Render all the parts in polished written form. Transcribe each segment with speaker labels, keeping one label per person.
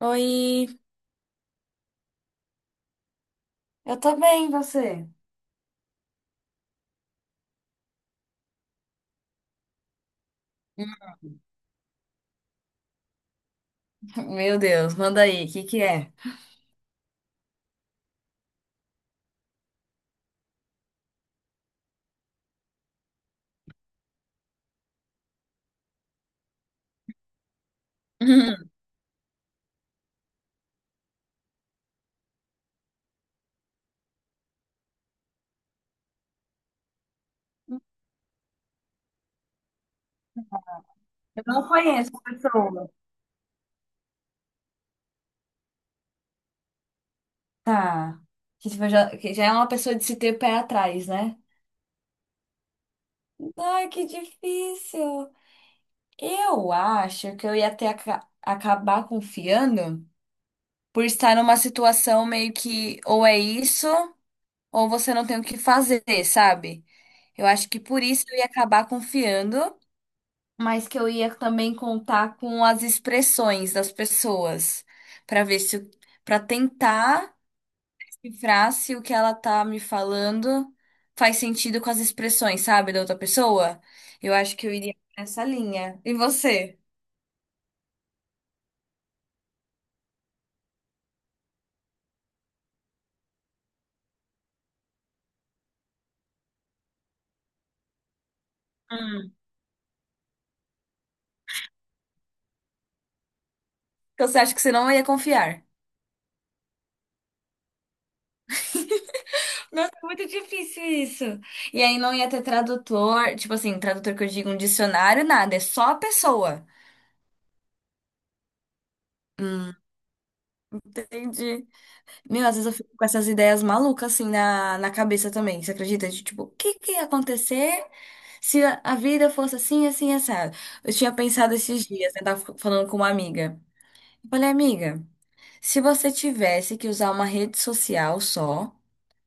Speaker 1: Oi, eu tô bem, e você? Meu Deus, manda aí, o que que é? Eu não conheço a pessoa. Tá. Que tipo, já, que já é uma pessoa de se ter pé atrás, né? Ai, que difícil. Eu acho que eu ia até acabar confiando por estar numa situação meio que ou é isso ou você não tem o que fazer, sabe? Eu acho que por isso eu ia acabar confiando, mas que eu ia também contar com as expressões das pessoas, para ver se, para tentar cifrar se o que ela tá me falando faz sentido com as expressões, sabe, da outra pessoa. Eu acho que eu iria nessa linha. E você? Hum. Então você acha que você não ia confiar? Muito difícil isso. E aí não ia ter tradutor, tipo assim, tradutor que eu digo um dicionário, nada, é só a pessoa. Hum, entendi. Meu, às vezes eu fico com essas ideias malucas assim na cabeça também. Você acredita? De, tipo, o que que ia acontecer se a vida fosse assim, assim, assado? Eu tinha pensado esses dias, né? Tava falando com uma amiga. Eu falei, amiga, se você tivesse que usar uma rede social só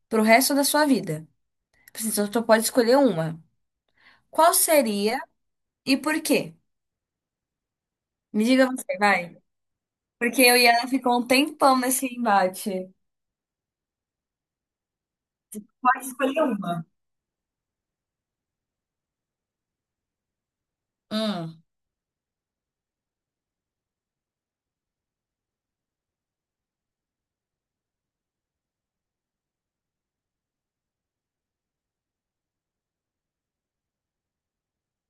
Speaker 1: pro resto da sua vida, assim, você só pode escolher uma. Qual seria e por quê? Me diga você, vai. Porque eu e ela ficou um tempão nesse embate. Pode escolher uma. Hum.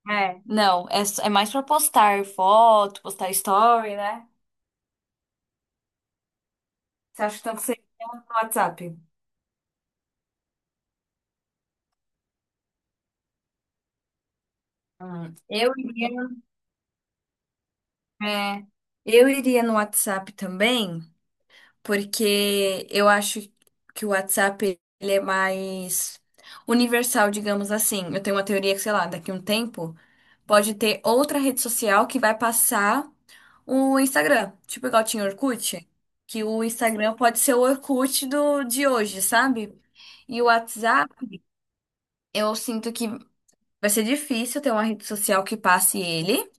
Speaker 1: É, não, é, é mais pra postar foto, postar story, né? Você acha então que tanto seria no WhatsApp? Eu iria, é, eu iria no WhatsApp também, porque eu acho que o WhatsApp ele é mais universal, digamos assim. Eu tenho uma teoria que, sei lá, daqui a um tempo pode ter outra rede social que vai passar o Instagram, tipo igual tinha o Orkut, que o Instagram pode ser o Orkut do de hoje, sabe? E o WhatsApp, eu sinto que vai ser difícil ter uma rede social que passe ele.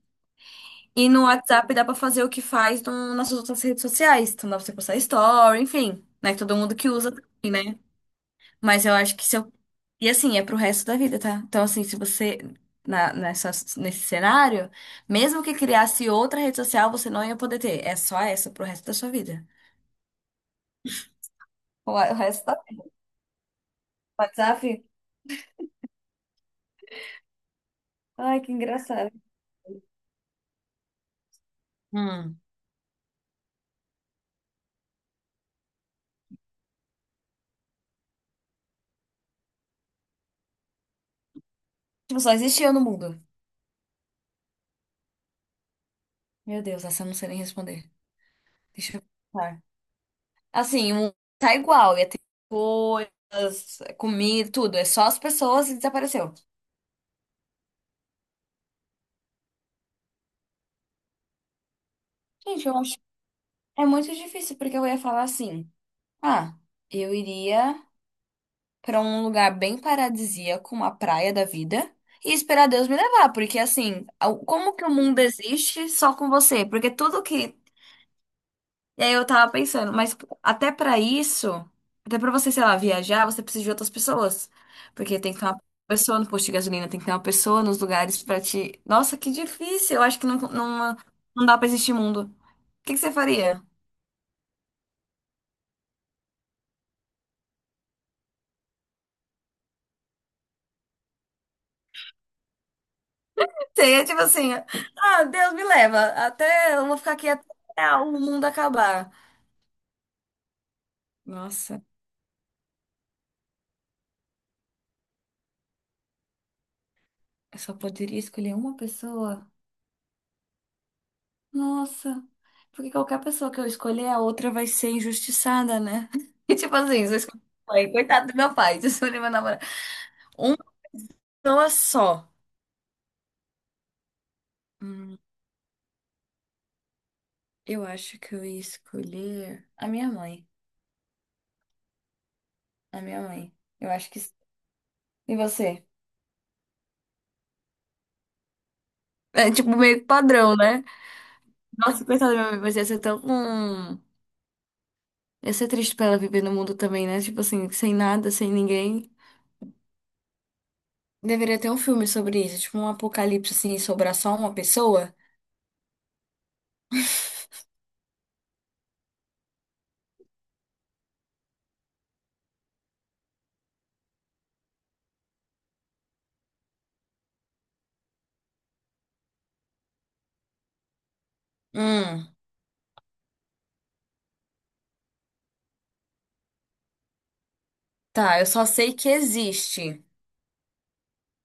Speaker 1: E no WhatsApp dá pra fazer o que faz nas outras redes sociais. Então dá pra você postar story, enfim, né? Todo mundo que usa também, né? Mas eu acho que se eu. E assim, é pro resto da vida, tá? Então, assim, se você. Nessa, nesse cenário, mesmo que criasse outra rede social, você não ia poder ter. É só essa pro resto da sua vida. O resto da WhatsApp? Ai, que engraçado. Hum. Tipo, só existe eu no mundo. Meu Deus, essa eu não sei nem responder. Deixa eu pensar. Assim, o mundo tá igual, ia ter coisas, comida, tudo. É só as pessoas e desapareceu. Gente, eu acho. É muito difícil, porque eu ia falar assim: ah, eu iria pra um lugar bem paradisíaco, uma praia da vida, e esperar Deus me levar, porque assim, como que o mundo existe só com você? Porque tudo que. E aí eu tava pensando, mas até pra isso, até pra você, sei lá, viajar, você precisa de outras pessoas. Porque tem que ter uma pessoa no posto de gasolina, tem que ter uma pessoa nos lugares pra te. Nossa, que difícil! Eu acho que não, não, não dá pra existir mundo. O que que você faria? Seria tipo assim, ah, Deus me leva, até eu vou ficar aqui até o mundo acabar. Nossa, eu só poderia escolher uma pessoa. Nossa, porque qualquer pessoa que eu escolher, a outra vai ser injustiçada, né? E tipo assim, se eu escolher meu pai, coitado do meu pai, se eu escolher meu namorado. Uma pessoa só. Hum, eu acho que eu ia escolher a minha mãe. A minha mãe. Eu acho que sim. E você? É tipo meio que padrão, né? Nossa, coitada da minha mãe, mas ia ser tão. Ia ser triste pra ela viver no mundo também, né? Tipo assim, sem nada, sem ninguém. Deveria ter um filme sobre isso, tipo um apocalipse assim, e sobrar só uma pessoa. Hum. Tá, eu só sei que existe,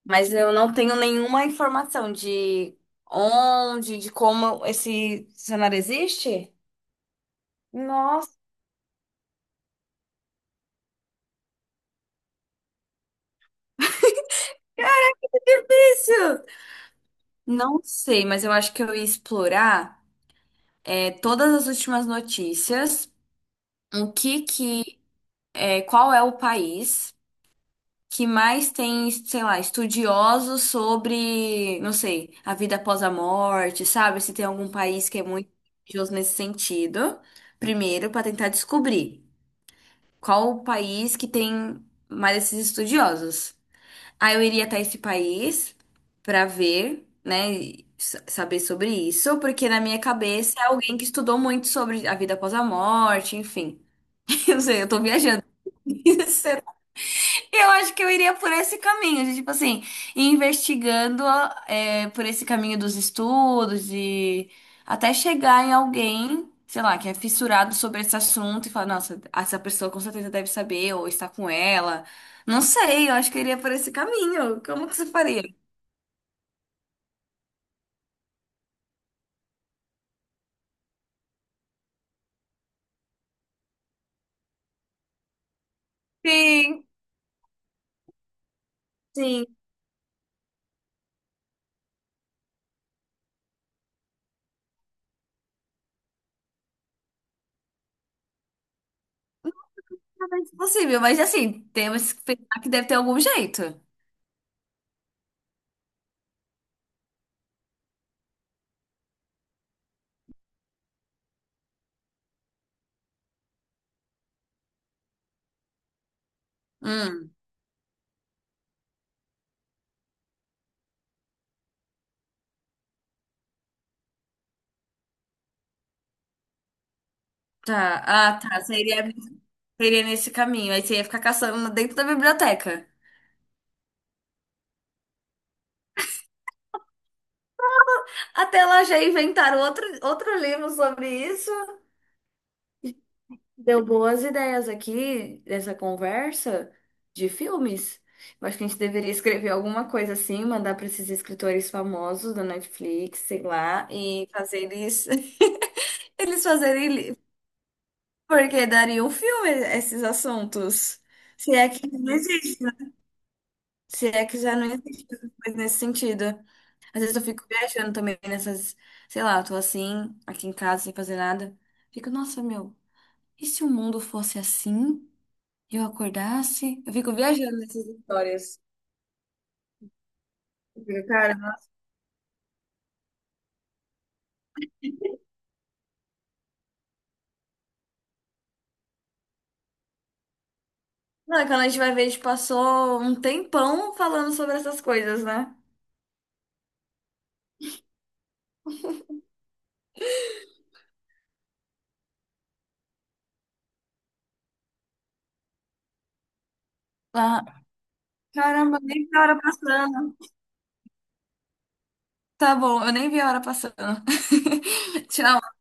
Speaker 1: mas eu não tenho nenhuma informação de onde, de como esse cenário existe. Nossa, que difícil! Não sei, mas eu acho que eu ia explorar, é, todas as últimas notícias, o que que, é, qual é o país que mais tem, sei lá, estudiosos sobre, não sei, a vida após a morte, sabe? Se tem algum país que é muito religioso nesse sentido, primeiro para tentar descobrir qual o país que tem mais esses estudiosos. Aí eu iria até esse país para ver, né, e saber sobre isso, porque na minha cabeça é alguém que estudou muito sobre a vida após a morte, enfim. Eu não sei, eu tô viajando. Eu acho que eu iria por esse caminho, de, tipo assim, ir investigando, é, por esse caminho dos estudos e até chegar em alguém, sei lá, que é fissurado sobre esse assunto e falar, nossa, essa pessoa com certeza deve saber ou está com ela. Não sei, eu acho que eu iria por esse caminho. Como que você faria? Sim, sim, talvez possível, mas assim, temos que pensar que deve ter algum jeito. Hum, tá. Ah, tá. Seria, seria nesse caminho. Aí você ia ficar caçando dentro da biblioteca. Até lá já inventaram outro, outro livro sobre isso. Deu boas ideias aqui dessa conversa de filmes. Eu acho que a gente deveria escrever alguma coisa assim, mandar para esses escritores famosos da Netflix, sei lá, e fazer eles, eles fazerem, porque daria um filme esses assuntos. Se é que existe. Se é que já não existe coisa nesse sentido. Às vezes eu fico viajando também nessas, sei lá, eu tô assim, aqui em casa, sem fazer nada. Fico, nossa, meu, e se o mundo fosse assim? Eu acordasse? Eu fico viajando nessas histórias. Eu fico, cara, não, é quando a gente vai ver, a gente passou um tempão falando sobre essas coisas, né? Ah, caramba, nem vi a hora passando. Tá bom, eu nem vi a hora passando. Tchau.